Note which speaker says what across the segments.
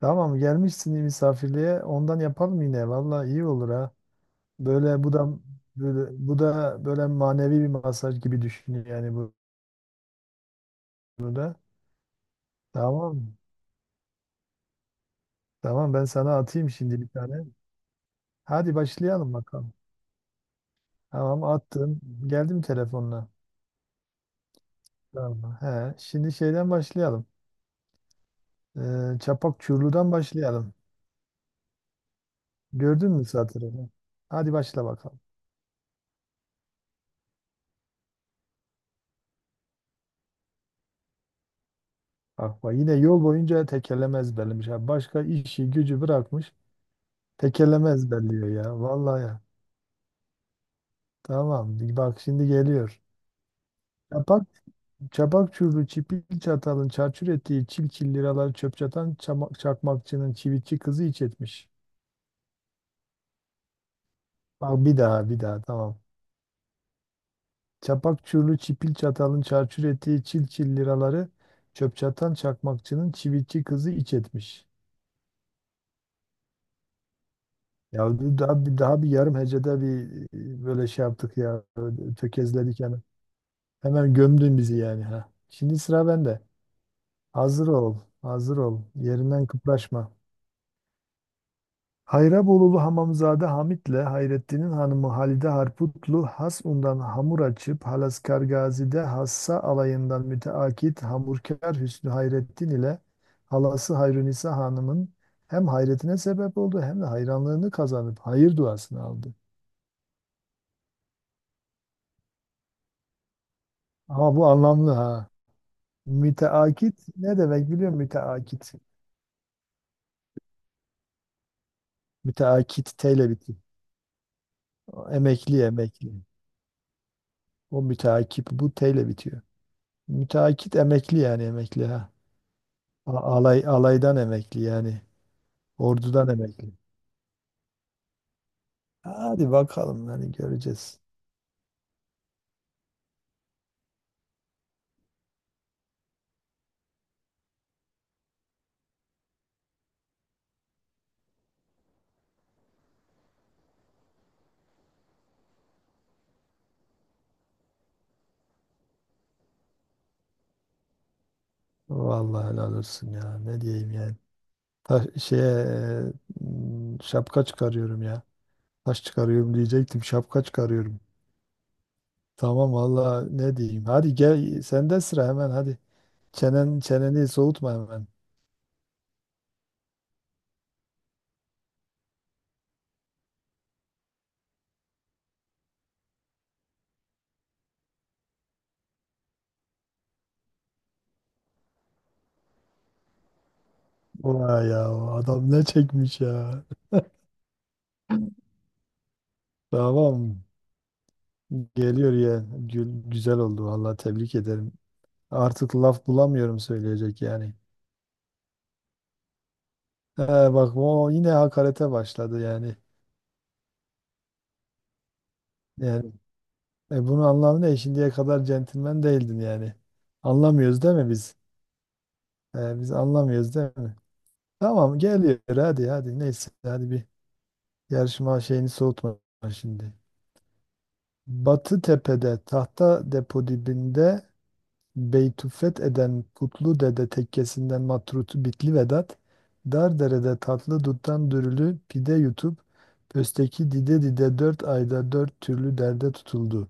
Speaker 1: Tamam gelmişsin iyi misafirliğe ondan yapalım yine. Vallahi iyi olur ha. Böyle bu da böyle bu da böyle manevi bir masaj gibi düşün yani bunu da. Tamam. Tamam ben sana atayım şimdi bir tane. Hadi başlayalım bakalım. Tamam attım. Geldim telefonla. Tamam. He, şimdi şeyden başlayalım. Çapak Çurlu'dan başlayalım. Gördün mü satırını? Hadi başla bakalım. Bak bak yine yol boyunca tekerleme ezberlemiş. Ha, başka işi gücü bırakmış. Tekeleme ezberliyor ya. Vallahi ya. Tamam. Bak şimdi geliyor. Çapak, çapak çubuğu çipil çatalın çarçur ettiği çil çil liraları çöp çatan çakmakçının çivitçi kızı iç etmiş. Bak bir daha bir daha tamam. Çapak çubuğu çipil çatalın çarçur ettiği çil çil liraları çöp çatan çakmakçının çivitçi kızı iç etmiş. Ya bu daha daha bir yarım hecede bir böyle şey yaptık ya. Böyle tökezledik hemen. Hemen gömdün bizi yani ha. Şimdi sıra bende. Hazır ol, hazır ol. Yerinden kıpraşma. Hayrabolulu Hamamzade Hamit'le Hayrettin'in hanımı Halide Harputlu Hasun'dan hamur açıp Halaskar Gazi'de Hassa alayından müteakit hamurkar Hüsnü Hayrettin ile halası Hayrunisa Hanım'ın hem hayretine sebep oldu hem de hayranlığını kazanıp hayır duasını aldı. Ama bu anlamlı ha. Müteakit ne demek biliyor musun? Müteakit. Müteakit T ile bitiyor. Emekli emekli. O müteakip bu T ile bitiyor. Müteakit emekli yani emekli ha. Alay, alaydan emekli yani. Ordudan emekli. Hadi bakalım yani göreceğiz. Vallahi helal olsun ya. Ne diyeyim yani. Ta şeye şapka çıkarıyorum ya. Taş çıkarıyorum diyecektim. Şapka çıkarıyorum. Tamam vallahi ne diyeyim. Hadi gel sende sıra hemen hadi. Çenen çeneni soğutma hemen. Vay ya adam ne çekmiş ya. Tamam. Geliyor ya. Gül, güzel oldu vallahi tebrik ederim. Artık laf bulamıyorum söyleyecek yani. He, bak o yine hakarete başladı yani. Yani bunun anlamı ne? Şimdiye kadar centilmen değildin yani. Anlamıyoruz değil mi biz? E, biz anlamıyoruz değil mi? Tamam geliyor hadi hadi neyse hadi bir yarışma şeyini soğutma şimdi. Batı Tepe'de tahta depo dibinde Beytü fetheden putlu dede tekkesinden matrutu bitli Vedat, dar derede tatlı duttan dürülü pide yutup, pösteki dide dide dört ayda dört türlü derde tutuldu.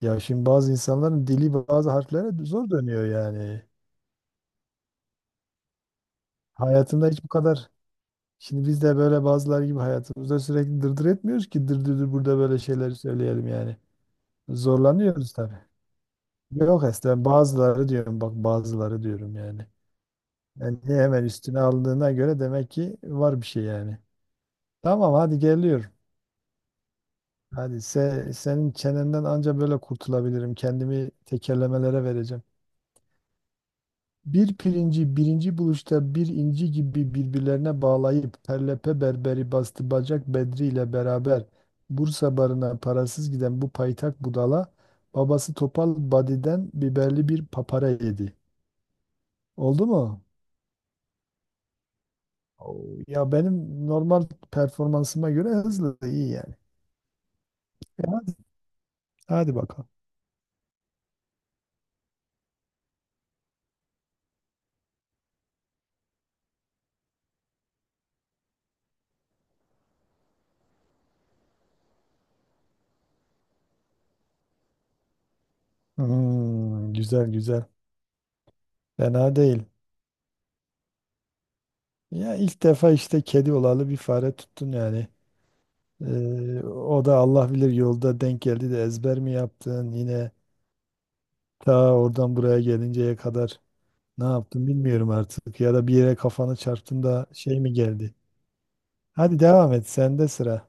Speaker 1: Ya şimdi bazı insanların dili bazı harflere zor dönüyor yani. Hayatımda hiç bu kadar. Şimdi biz de böyle bazılar gibi hayatımızda sürekli dırdır etmiyoruz ki dırdırdır burada böyle şeyleri söyleyelim yani. Zorlanıyoruz tabii. Yok Esra, bazıları diyorum bak bazıları diyorum yani. Yani hemen üstüne aldığına göre demek ki var bir şey yani. Tamam hadi geliyorum. Hadi senin çenenden anca böyle kurtulabilirim. Kendimi tekerlemelere vereceğim. Bir pirinci birinci buluşta bir inci gibi birbirlerine bağlayıp perlepe berberi bastı bacak Bedri ile beraber Bursa barına parasız giden bu paytak budala babası Topal Badi'den biberli bir papara yedi. Oldu mu? Oo, ya benim normal performansıma göre hızlı iyi yani. Hadi bakalım. Hmm, güzel güzel. Fena değil. Ya ilk defa işte kedi olalı bir fare tuttun yani. O da Allah bilir yolda denk geldi de ezber mi yaptın yine ta oradan buraya gelinceye kadar ne yaptın bilmiyorum artık. Ya da bir yere kafanı çarptın da şey mi geldi? Hadi devam et sende sıra.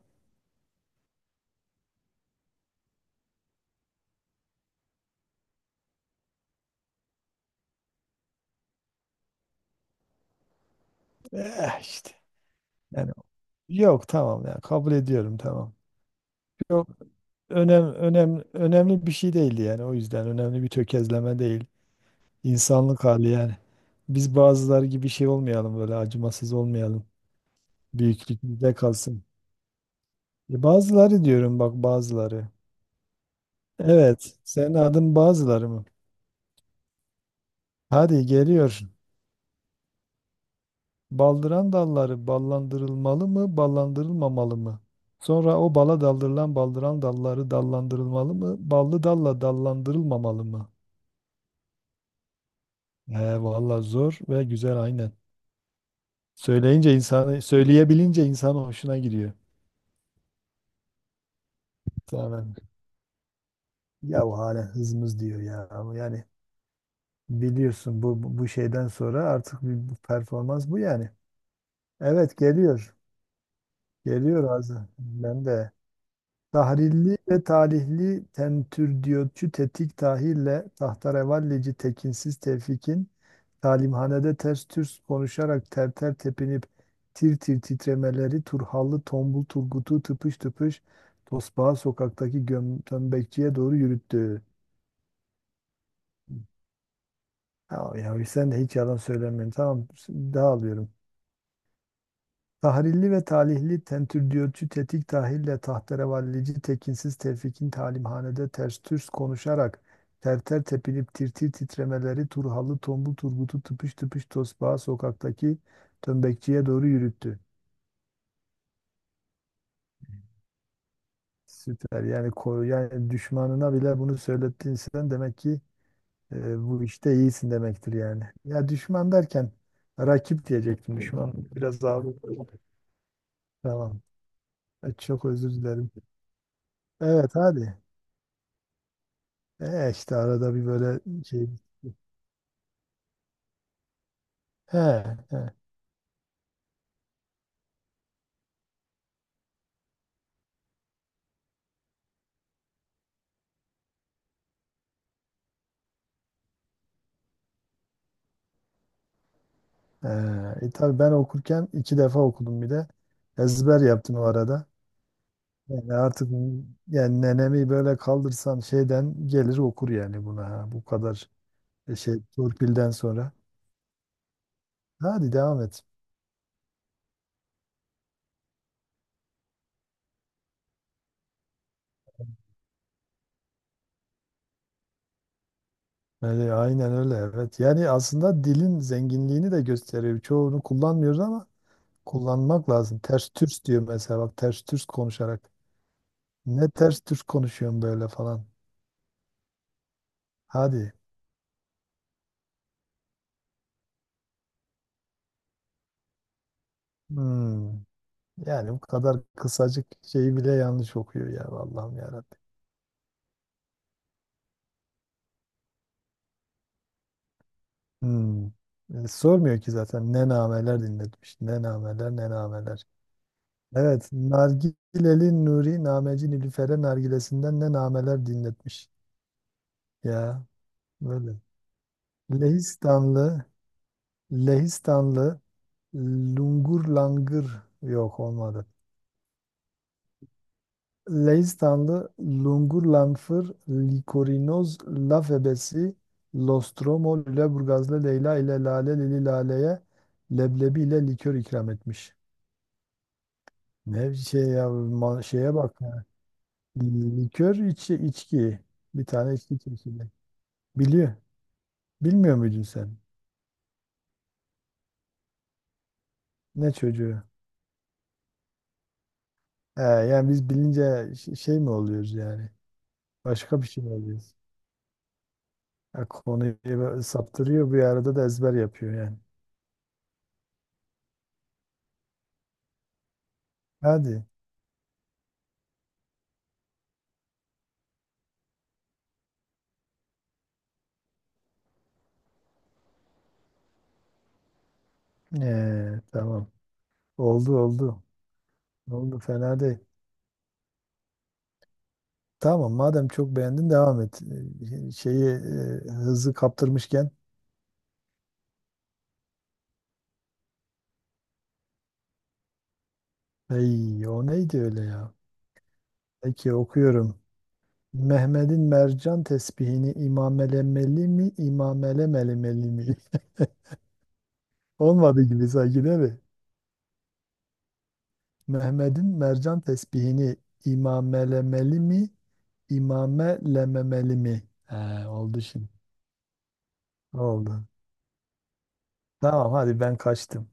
Speaker 1: Eh işte. Yani yok tamam ya kabul ediyorum tamam. Yok önemli bir şey değildi yani o yüzden önemli bir tökezleme değil. İnsanlık hali yani. Biz bazıları gibi şey olmayalım böyle acımasız olmayalım. Büyüklük bizde kalsın. E bazıları diyorum bak bazıları. Evet, senin adın bazıları mı? Hadi geliyor. Baldıran dalları ballandırılmalı mı, ballandırılmamalı mı? Sonra o bala daldırılan baldıran dalları dallandırılmalı mı, ballı dalla dallandırılmamalı mı? He valla zor ve güzel aynen. Söyleyince insanı, söyleyebilince insan hoşuna gidiyor. Tamam. Ya hala hızımız diyor ya. Yani biliyorsun bu şeyden sonra artık bir bu performans bu yani. Evet geliyor. Geliyor Azam. Ben de. Tahrilli ve talihli tentürdiyotçu tetik tahille tahterevallici tekinsiz tevfikin talimhanede ters türs konuşarak ter ter tepinip tir tir titremeleri Turhallı tombul Turgut'u tıpış tıpış Tosbağa sokaktaki tömbekçiye doğru yürüttü. Ya sen de hiç yalan söylemiyorsun. Tamam dağılıyorum. Tahrilli ve talihli tentürdiyotçu tetik tahille tahterevallici tekinsiz tevfikin talimhanede ters türs konuşarak terter tepinip tirtir titremeleri Turhalı tombul Turgut'u tıpış tıpış tosbağa sokaktaki tömbekçiye doğru yürüttü. Süper. Yani yani düşmanına bile bunu söylettin sen demek ki bu işte iyisin demektir yani. Ya düşman derken rakip diyecektim. Düşman biraz ağır. Tamam. Çok özür dilerim. Evet hadi. E işte arada bir böyle şey. He, he, he. Tabii ben okurken iki defa okudum bir de. Ezber yaptım o arada. Yani artık yani nenemi böyle kaldırsan şeyden gelir okur yani buna. Ha. Bu kadar şey torpilden sonra. Hadi devam et. Öyle, aynen öyle evet. Yani aslında dilin zenginliğini de gösteriyor. Çoğunu kullanmıyoruz ama kullanmak lazım. Ters türs diyor mesela bak ters türs konuşarak. Ne ters düz konuşuyorsun böyle falan. Hadi. Hmm. Yani bu kadar kısacık şeyi bile yanlış okuyor ya Allah'ım yarabbim. Hmm. Sormuyor ki zaten ne nameler dinletmiş. Ne nameler ne nameler. Evet Nargileli Nuri Nameci Nilüfer'e nargilesinden ne nameler dinletmiş. Ya böyle. Lehistanlı Lehistanlı Lungur Langır yok olmadı. Leistanlı Lungurlanfır Likorinoz Laf Ebesi Lostromo Lüleburgazlı Leyla ile Lale Lili Lale'ye leblebi ile likör ikram etmiş. Ne şey ya şeye bak. Ya. Likör içi içki. Bir tane içki çeşidi. Biliyor. Bilmiyor muydun sen? Ne çocuğu? He, yani biz bilince şey mi oluyoruz yani? Başka bir şey mi oluyoruz? Ya konuyu böyle saptırıyor bir arada da ezber yapıyor yani. Hadi. Tamam. Oldu oldu. Oldu fena değil. Tamam madem çok beğendin devam et. Şeyi hızı kaptırmışken. Ey o neydi öyle ya? Peki okuyorum. Mehmet'in mercan tesbihini imamelemeli mi, imamelemelemeli mi? Olmadı gibi sanki değil mi? Mehmet'in mercan tesbihini imamelemeli mi, imamelememeli mi? He, oldu şimdi. Oldu. Tamam hadi ben kaçtım.